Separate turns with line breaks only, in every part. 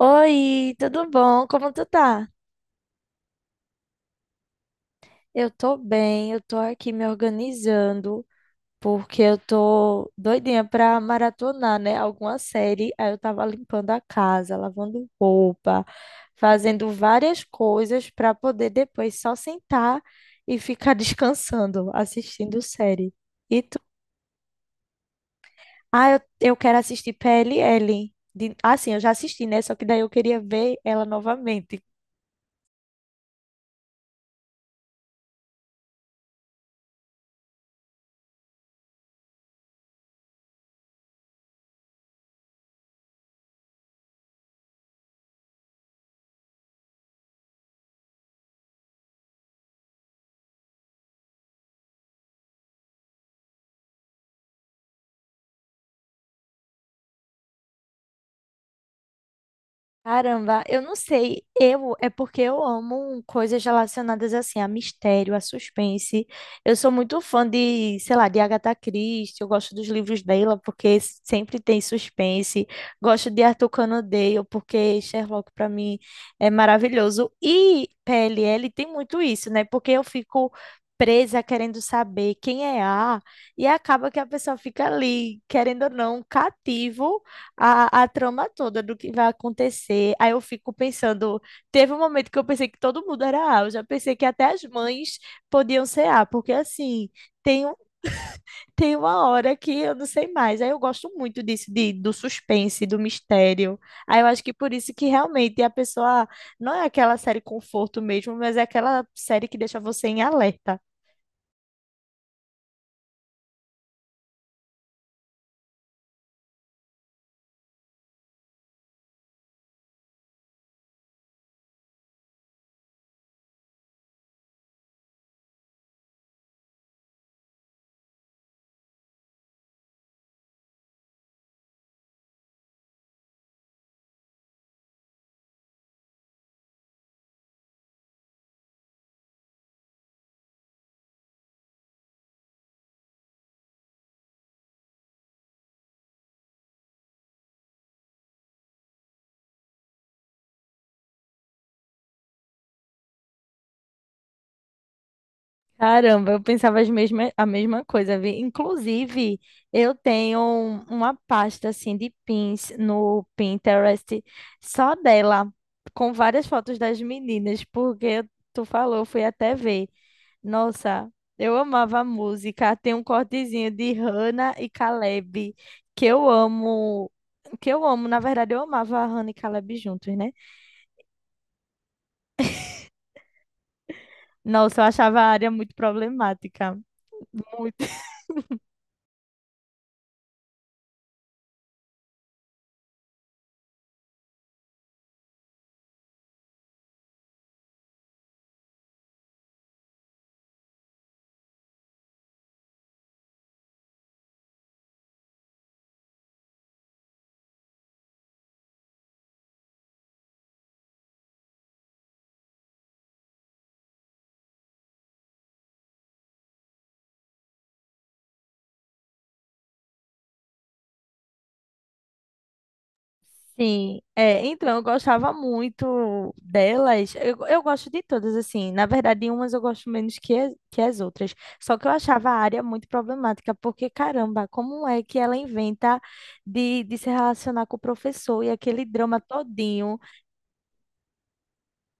Oi, tudo bom? Como tu tá? Eu tô bem, eu tô aqui me organizando, porque eu tô doidinha pra maratonar, né? Alguma série. Aí eu tava limpando a casa, lavando roupa, fazendo várias coisas pra poder depois só sentar e ficar descansando, assistindo série. E tu? Ah, eu quero assistir PLL. De... Ah, sim, eu já assisti, né? Só que daí eu queria ver ela novamente. Caramba, eu não sei. Eu é porque eu amo coisas relacionadas assim a mistério, a suspense. Eu sou muito fã de, sei lá, de Agatha Christie. Eu gosto dos livros dela porque sempre tem suspense. Gosto de Arthur Conan Doyle porque Sherlock para mim é maravilhoso. E PLL tem muito isso, né? Porque eu fico presa querendo saber quem é A e acaba que a pessoa fica ali, querendo ou não, cativo a trama toda do que vai acontecer. Aí eu fico pensando, teve um momento que eu pensei que todo mundo era A, eu já pensei que até as mães podiam ser A, porque assim, tem, tem uma hora que eu não sei mais. Aí eu gosto muito disso, de, do suspense, do mistério. Aí eu acho que por isso que realmente a pessoa não é aquela série conforto mesmo, mas é aquela série que deixa você em alerta. Caramba, eu pensava as mesma, a mesma coisa, vi. Inclusive, eu tenho uma pasta assim de pins no Pinterest só dela, com várias fotos das meninas, porque tu falou, eu fui até ver. Nossa, eu amava a música. Tem um cortezinho de Hannah e Caleb que eu amo, que eu amo. Na verdade, eu amava a Hannah e Caleb juntos, né? Nossa, eu achava a área muito problemática. Sim, é, então eu gostava muito delas. Eu gosto de todas, assim. Na verdade, umas eu gosto menos que, que as outras. Só que eu achava a área muito problemática, porque caramba, como é que ela inventa de se relacionar com o professor e aquele drama todinho?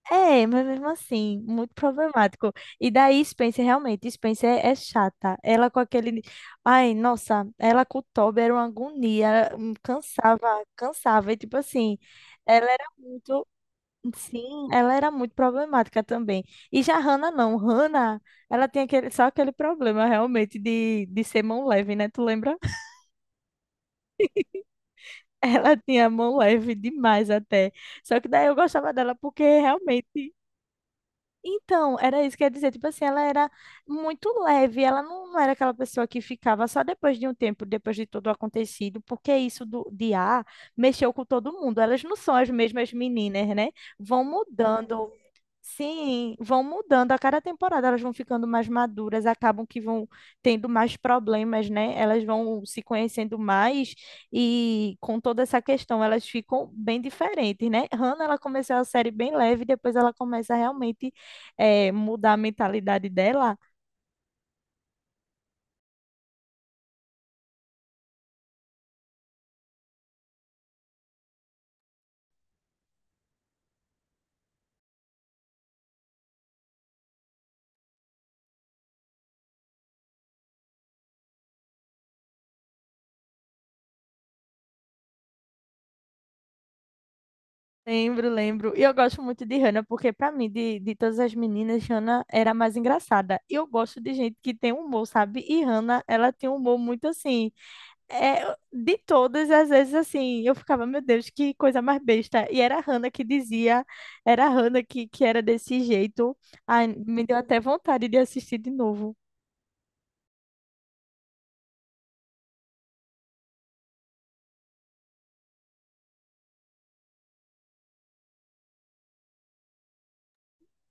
É, mas mesmo assim, muito problemático. E daí Spencer, realmente, Spencer é, é chata. Ela com aquele. Ai, nossa, ela com o Toby era uma agonia, cansava, cansava. E tipo assim, ela era muito. Sim, ela era muito problemática também. E já Hannah não. Hannah, ela tinha aquele, só aquele problema realmente de ser mão leve, né? Tu lembra? Ela tinha mão leve demais até. Só que daí eu gostava dela porque realmente. Então, era isso que eu ia dizer. Tipo assim, ela era muito leve. Ela não, não era aquela pessoa que ficava só depois de um tempo, depois de tudo acontecido, porque isso do, de ar mexeu com todo mundo. Elas não são as mesmas meninas, né? Vão mudando, sim, vão mudando a cada temporada, elas vão ficando mais maduras, acabam que vão tendo mais problemas, né? Elas vão se conhecendo mais e com toda essa questão elas ficam bem diferentes, né? Hannah, ela começou a série bem leve, depois ela começa a realmente mudar a mentalidade dela. Lembro, lembro. E eu gosto muito de Hannah, porque para mim, de todas as meninas, Hannah era a mais engraçada. E eu gosto de gente que tem humor, sabe? E Hannah, ela tem um humor muito assim. É, de todas, às vezes, assim, eu ficava, meu Deus, que coisa mais besta. E era a Hannah que dizia, era a Hannah que era desse jeito. Ai, me deu até vontade de assistir de novo.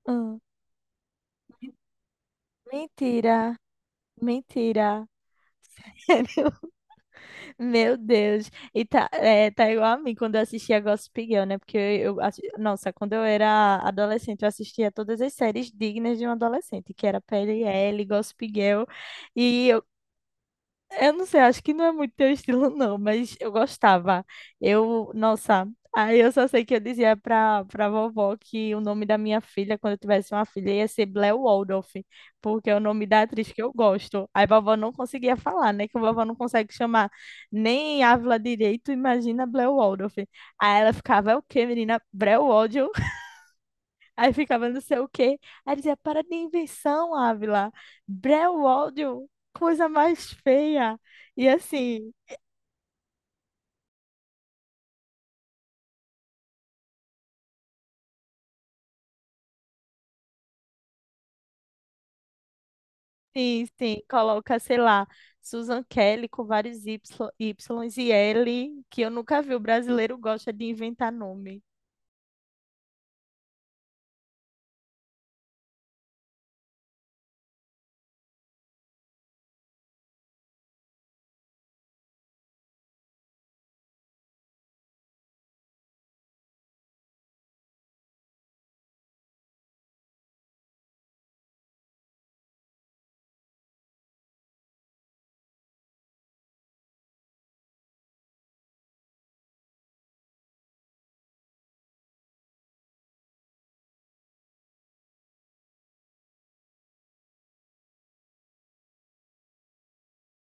Ah, mentira, mentira. Sério? Meu Deus. E tá, é, tá igual a mim quando eu assistia Gossip Girl, né? Porque eu nossa, quando eu era adolescente, eu assistia todas as séries dignas de um adolescente, que era PLL, Gossip Girl. E eu não sei, acho que não é muito teu estilo, não, mas eu gostava. Eu, nossa, aí eu só sei que eu dizia pra, pra vovó que o nome da minha filha, quando eu tivesse uma filha, ia ser Blair Waldorf, porque é o nome da atriz que eu gosto. Aí vovó não conseguia falar, né? Que a vovó não consegue chamar nem Ávila direito, imagina Blair Waldorf. Aí ela ficava, é o quê, menina? Blair Waldorf. Aí ficava não sei o quê. Aí dizia, para de invenção, Ávila. Brewódio, coisa mais feia. E assim, sim, sim, coloca, sei lá, Susan Kelly com vários Y, Ys e L, que eu nunca vi. O brasileiro gosta de inventar nome.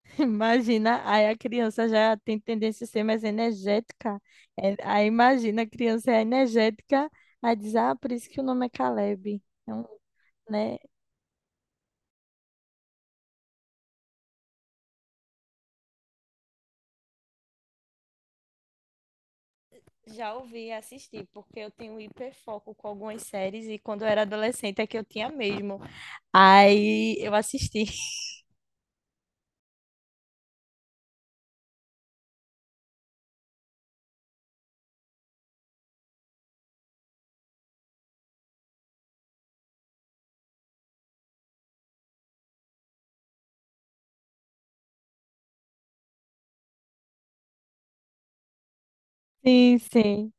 Imagina, aí a criança já tem tendência a ser mais energética. É, aí imagina, a criança é energética, aí diz, ah, por isso que o nome é Caleb. É um, né? Já ouvi e assisti, porque eu tenho hiperfoco com algumas séries e quando eu era adolescente é que eu tinha mesmo. Aí eu assisti. Sim, sim.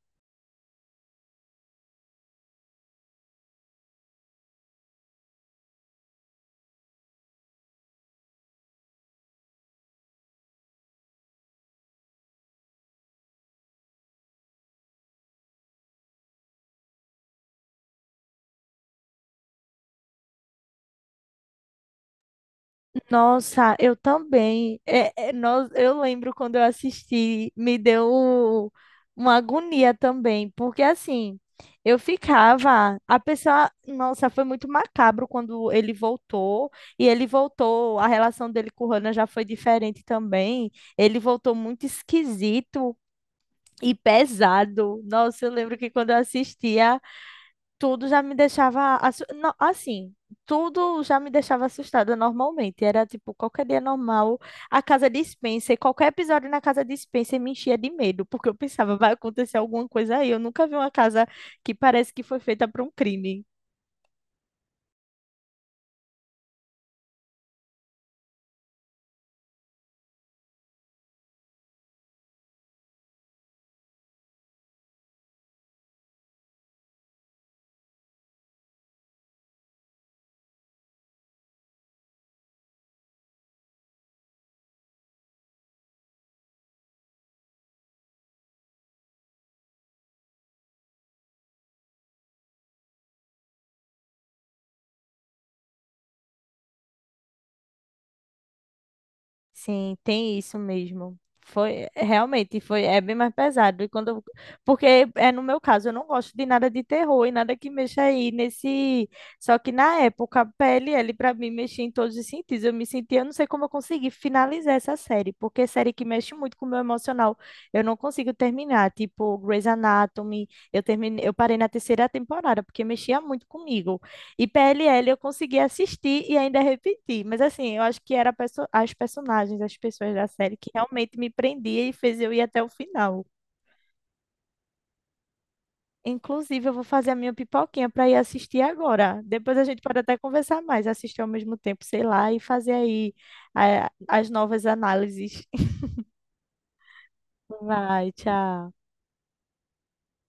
Nossa, eu também. É, é, nós, eu lembro quando eu assisti, me deu uma agonia também, porque assim, eu ficava, a pessoa, nossa, foi muito macabro quando ele voltou, e ele voltou, a relação dele com o Hannah já foi diferente também. Ele voltou muito esquisito, e pesado. Nossa, eu lembro que quando eu assistia, tudo já me deixava. Assim, tudo já me deixava assustada normalmente. Era tipo, qualquer dia normal, a casa de Spencer, qualquer episódio na casa de Spencer me enchia de medo, porque eu pensava, vai acontecer alguma coisa aí. Eu nunca vi uma casa que parece que foi feita para um crime. Sim, tem isso mesmo. Foi é, realmente foi é bem mais pesado e quando porque é no meu caso, eu não gosto de nada de terror e nada que mexa aí nesse só que na época a PLL para mim mexia em todos os sentidos. Eu me sentia, eu não sei como eu consegui finalizar essa série, porque é série que mexe muito com o meu emocional, eu não consigo terminar, tipo Grey's Anatomy, eu terminei, eu parei na terceira temporada porque mexia muito comigo. E PLL eu consegui assistir e ainda repetir, mas assim, eu acho que era a as personagens, as pessoas da série que realmente me prendia e fez eu ir até o final. Inclusive, eu vou fazer a minha pipoquinha para ir assistir agora. Depois a gente pode até conversar mais, assistir ao mesmo tempo, sei lá, e fazer aí as novas análises. Vai, tchau.